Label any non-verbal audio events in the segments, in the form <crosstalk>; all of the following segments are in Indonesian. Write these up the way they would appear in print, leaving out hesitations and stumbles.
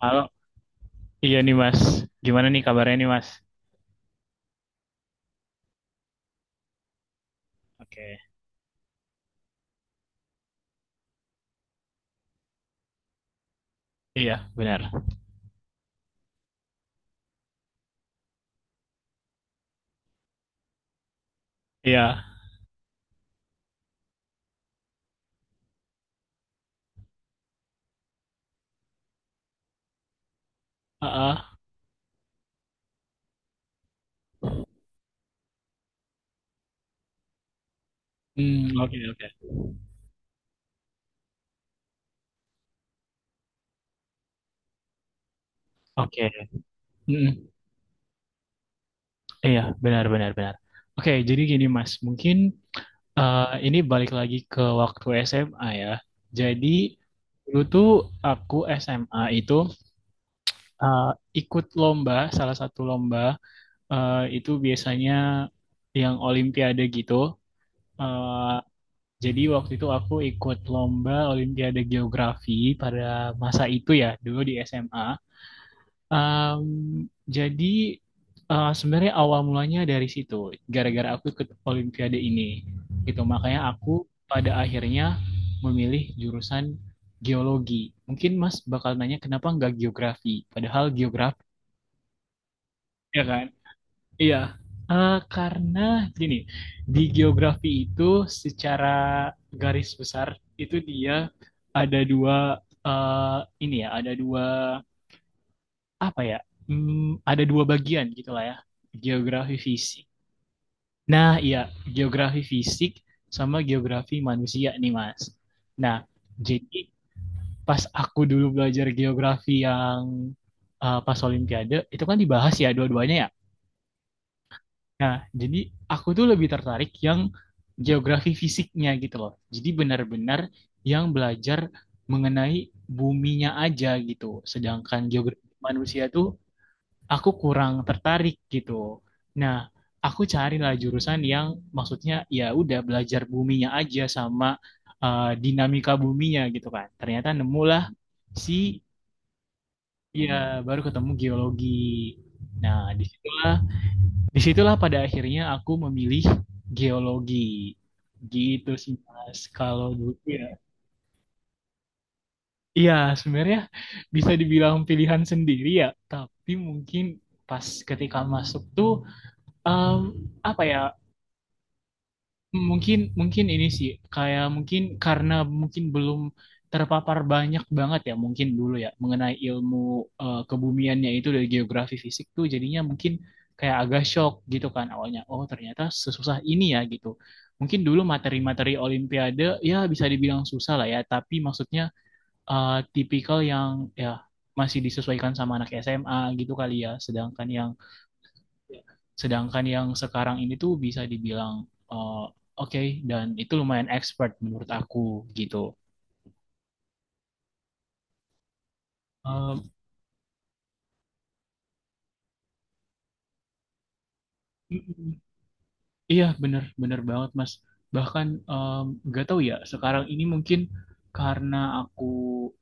Halo, iya nih Mas. Gimana nih kabarnya nih Mas? Oke, iya benar. Iya, heeh. Oke oke oke. Mm-mm. Iya benar benar benar. Oke, jadi gini Mas, mungkin eh, ini balik lagi ke waktu SMA ya. Jadi dulu tuh aku SMA itu eh, ikut lomba, salah satu lomba itu biasanya yang Olimpiade gitu. Eh, Jadi waktu itu aku ikut lomba Olimpiade Geografi pada masa itu ya, dulu di SMA. Um, jadi sebenarnya awal mulanya dari situ, gara-gara aku ikut Olimpiade ini. Gitu, makanya aku pada akhirnya memilih jurusan geologi. Mungkin Mas bakal nanya kenapa nggak geografi, padahal geografi ya kan? Iya, karena gini, di geografi itu secara garis besar itu dia ada dua eh, ini ya, ada dua apa ya? Ada dua bagian gitulah ya, geografi fisik. Nah, iya, geografi fisik sama geografi manusia nih, Mas. Nah, jadi pas aku dulu belajar geografi yang pas Olimpiade itu kan dibahas ya dua-duanya ya. Nah, jadi aku tuh lebih tertarik yang geografi fisiknya gitu loh. Jadi benar-benar yang belajar mengenai buminya aja gitu. Sedangkan geografi manusia tuh aku kurang tertarik gitu. Nah, aku carilah jurusan yang maksudnya ya udah belajar buminya aja sama dinamika buminya gitu kan. Ternyata nemulah si ya baru ketemu geologi. Nah, di Disitulah pada akhirnya aku memilih geologi. Gitu sih Mas, kalau dulu ya. Iya, sebenarnya bisa dibilang pilihan sendiri ya, tapi mungkin pas ketika masuk tuh em, apa ya. Mungkin mungkin ini sih kayak mungkin karena mungkin belum terpapar banyak banget ya mungkin dulu ya mengenai ilmu kebumiannya itu dari geografi fisik tuh jadinya mungkin kayak agak shock gitu kan awalnya oh ternyata sesusah ini ya gitu. Mungkin dulu materi-materi olimpiade ya bisa dibilang susah lah ya tapi maksudnya tipikal yang ya masih disesuaikan sama anak SMA gitu kali ya Sedangkan yang sekarang ini tuh bisa dibilang eh, oke okay, dan itu lumayan expert menurut aku gitu. Em, mm, mm, iya bener bener banget Mas. Bahkan nggak tahu ya sekarang ini mungkin karena aku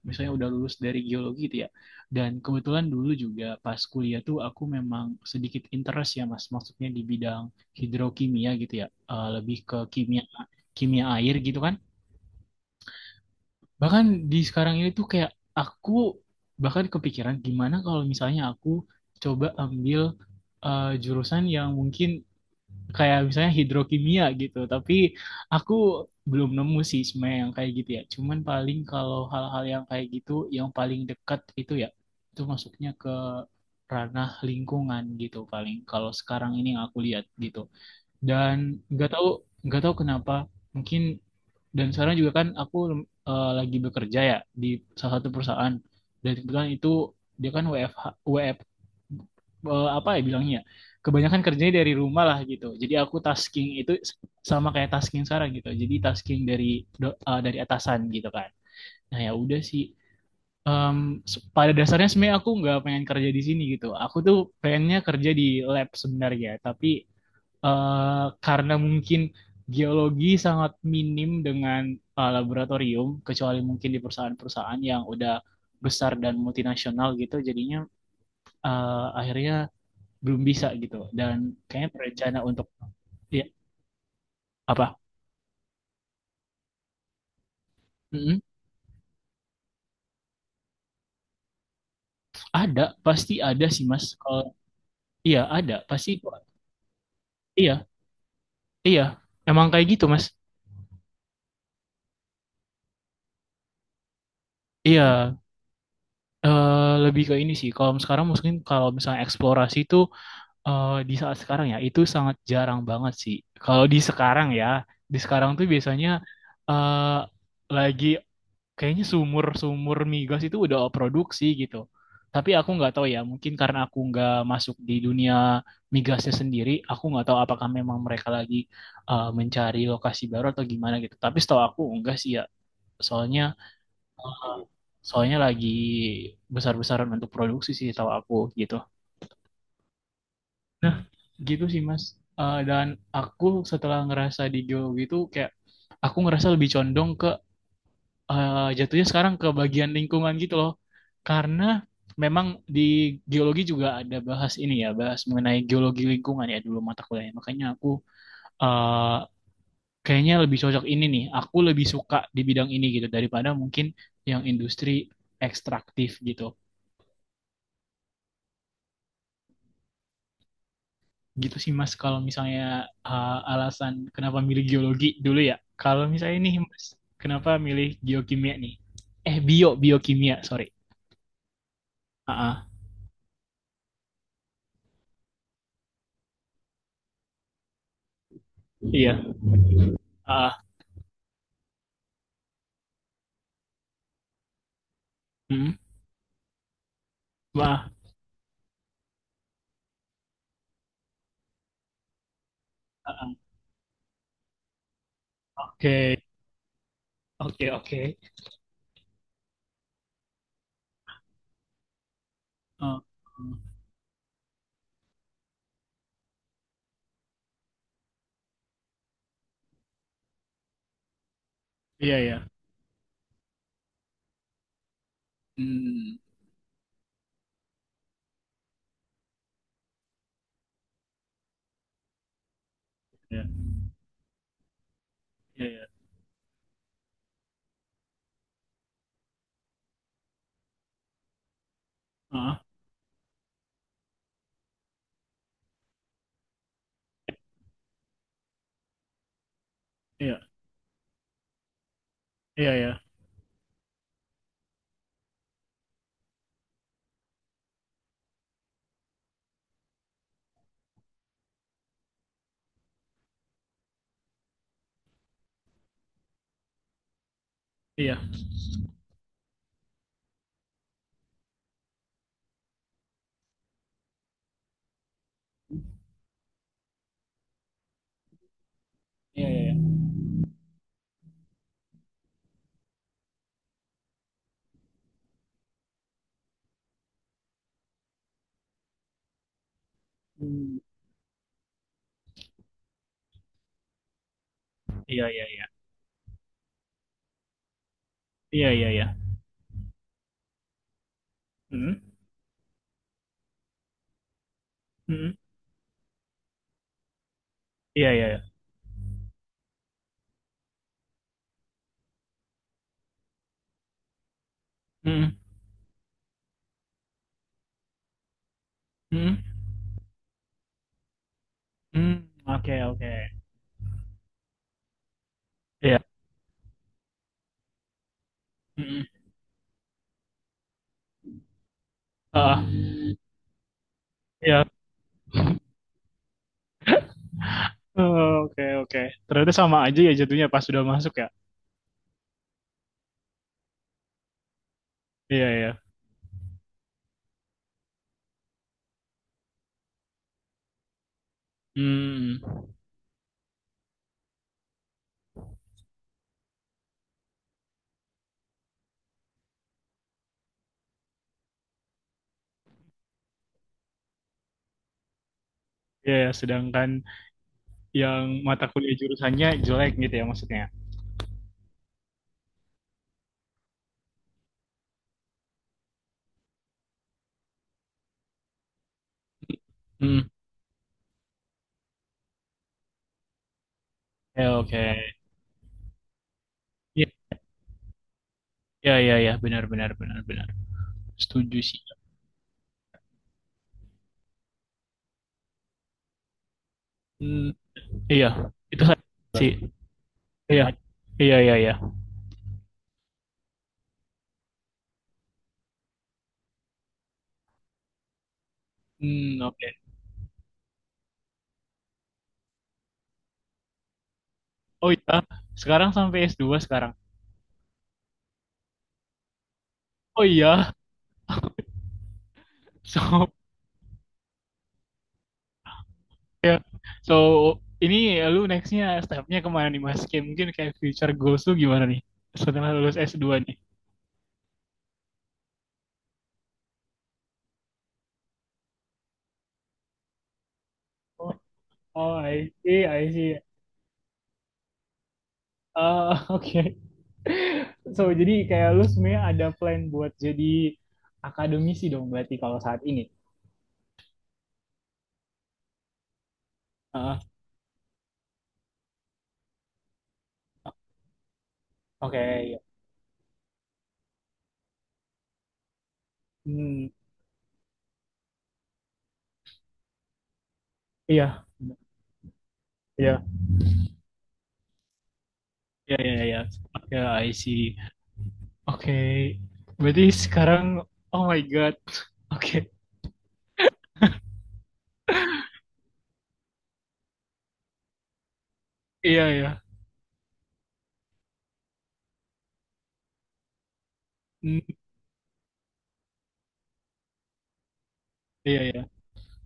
misalnya udah lulus dari geologi gitu ya. Dan kebetulan dulu juga pas kuliah tuh aku memang sedikit interest ya Mas. Maksudnya di bidang hidrokimia gitu ya. Eh, lebih ke kimia kimia air gitu kan. Bahkan di sekarang ini tuh kayak aku bahkan kepikiran gimana kalau misalnya aku coba ambil jurusan yang mungkin kayak misalnya hidrokimia gitu. Tapi aku belum nemu sih sebenarnya yang kayak gitu ya. Cuman paling kalau hal-hal yang kayak gitu yang paling dekat itu ya itu masuknya ke ranah lingkungan gitu paling kalau sekarang ini yang aku lihat gitu. Dan nggak tahu nggak tahu kenapa mungkin dan sekarang juga kan aku lagi bekerja ya di salah satu perusahaan. Dan kebetulan itu dia kan WFH, WF, eh, apa ya bilangnya? Kebanyakan kerjanya dari rumah lah gitu. Jadi aku tasking itu sama kayak tasking sekarang gitu. Jadi tasking dari dari atasan gitu kan. Nah ya udah sih. Em, pada dasarnya sebenarnya aku nggak pengen kerja di sini gitu. Aku tuh pengennya kerja di lab sebenarnya, tapi eh karena mungkin geologi sangat minim dengan laboratorium, kecuali mungkin di perusahaan-perusahaan yang udah besar dan multinasional gitu, jadinya akhirnya belum bisa gitu. Dan kayaknya berencana untuk ya apa? Mm-mm. Ada, pasti ada sih Mas. Kalau iya ada, pasti iya iya. Emang kayak gitu Mas. Iya, lebih ke ini sih. Kalau sekarang mungkin kalau misalnya eksplorasi itu di saat sekarang ya itu sangat jarang banget sih. Kalau di sekarang ya, di sekarang tuh biasanya eh lagi kayaknya sumur-sumur migas itu udah produksi gitu. Tapi aku nggak tahu ya, mungkin karena aku nggak masuk di dunia migasnya sendiri, aku nggak tahu apakah memang mereka lagi mencari lokasi baru atau gimana gitu. Tapi setahu aku enggak sih ya, soalnya eh, soalnya lagi besar-besaran untuk produksi sih setahu aku gitu. Nah, gitu sih Mas. Eh, dan aku setelah ngerasa di geologi itu kayak aku ngerasa lebih condong ke jatuhnya sekarang ke bagian lingkungan gitu loh. Karena memang di geologi juga ada bahas ini ya, bahas mengenai geologi lingkungan ya dulu mata kuliahnya. Makanya aku eh, kayaknya lebih cocok ini nih. Aku lebih suka di bidang ini gitu daripada mungkin yang industri ekstraktif gitu. Gitu sih Mas kalau misalnya alasan kenapa milih geologi dulu ya. Kalau misalnya nih Mas, kenapa milih geokimia nih? Eh bio biokimia, sorry. Ah, ah, iya. Ah, ah, hmm, wah, ah, ah. Oke, oke. Ah, hmm. Iya ya. Hmm, iya, iya ya. Ah, ah. Iya, iya ya. Iya, iya ya. Ya. Hmm, iya iya iya. Iya iya ya. Hmm, hmm, iya iya ya. Hmm, hmm, hmm. Oke, oke. Iya. Hmm. Ah, ya. Oh, oke, oke. Ternyata sama aja ya jatuhnya pas sudah masuk ya. Iya, iya. Hmm. Iya, ya. Sedangkan yang mata kuliah jurusannya jelek gitu ya maksudnya. Hmm. Ya, oke. Iya, iya, iya, iya. Benar, benar, benar, benar. Setuju sih. Hmm. Iya, itu sih. Iya. Iya, iya, iya. Hmm, oke. Oh iya, sekarang sampai s dua sekarang. Oh iya. <laughs> So, ya. So, ini lu nextnya stepnya kemana nih Mas? Kayak mungkin kayak future goals lu gimana nih? Setelah lulus s dua nih. Oh, oh, I see, I see. Ah, oke. <laughs> So, jadi kayak lu sebenarnya ada plan buat jadi akademisi dong berarti kalau saat ini. Ah, oke, iya. Hmm, iya, iya. Iya iya iya. Ya, I see. Oke. Berarti sekarang oh my God. <laughs> Oke. Iya iya. Hmm, iya iya.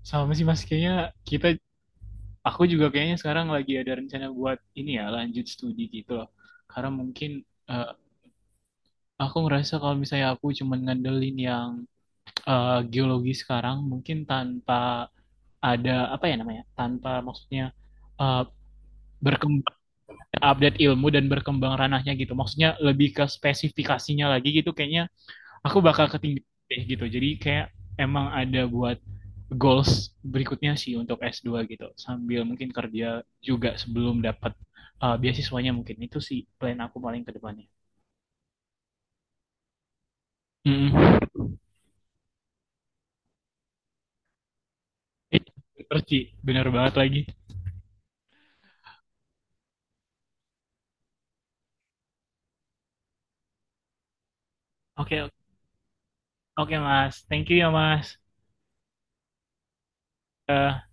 Sama sih Mas, kayaknya kita aku juga kayaknya sekarang lagi ada rencana buat ini ya, lanjut studi gitu loh. Karena mungkin eh, aku ngerasa kalau misalnya aku cuma ngandelin yang geologi sekarang mungkin tanpa ada apa ya namanya? Tanpa maksudnya eh, berkembang update ilmu dan berkembang ranahnya gitu. Maksudnya lebih ke spesifikasinya lagi gitu kayaknya aku bakal ketinggian deh gitu. Jadi kayak emang ada buat goals berikutnya sih untuk S2 gitu. Sambil mungkin kerja juga sebelum dapat beasiswanya mungkin. Itu sih plan aku paling ke depannya. Mm. Eh, Perci, bener banget lagi. Oke, oke Mas. Thank you ya Mas. Eh,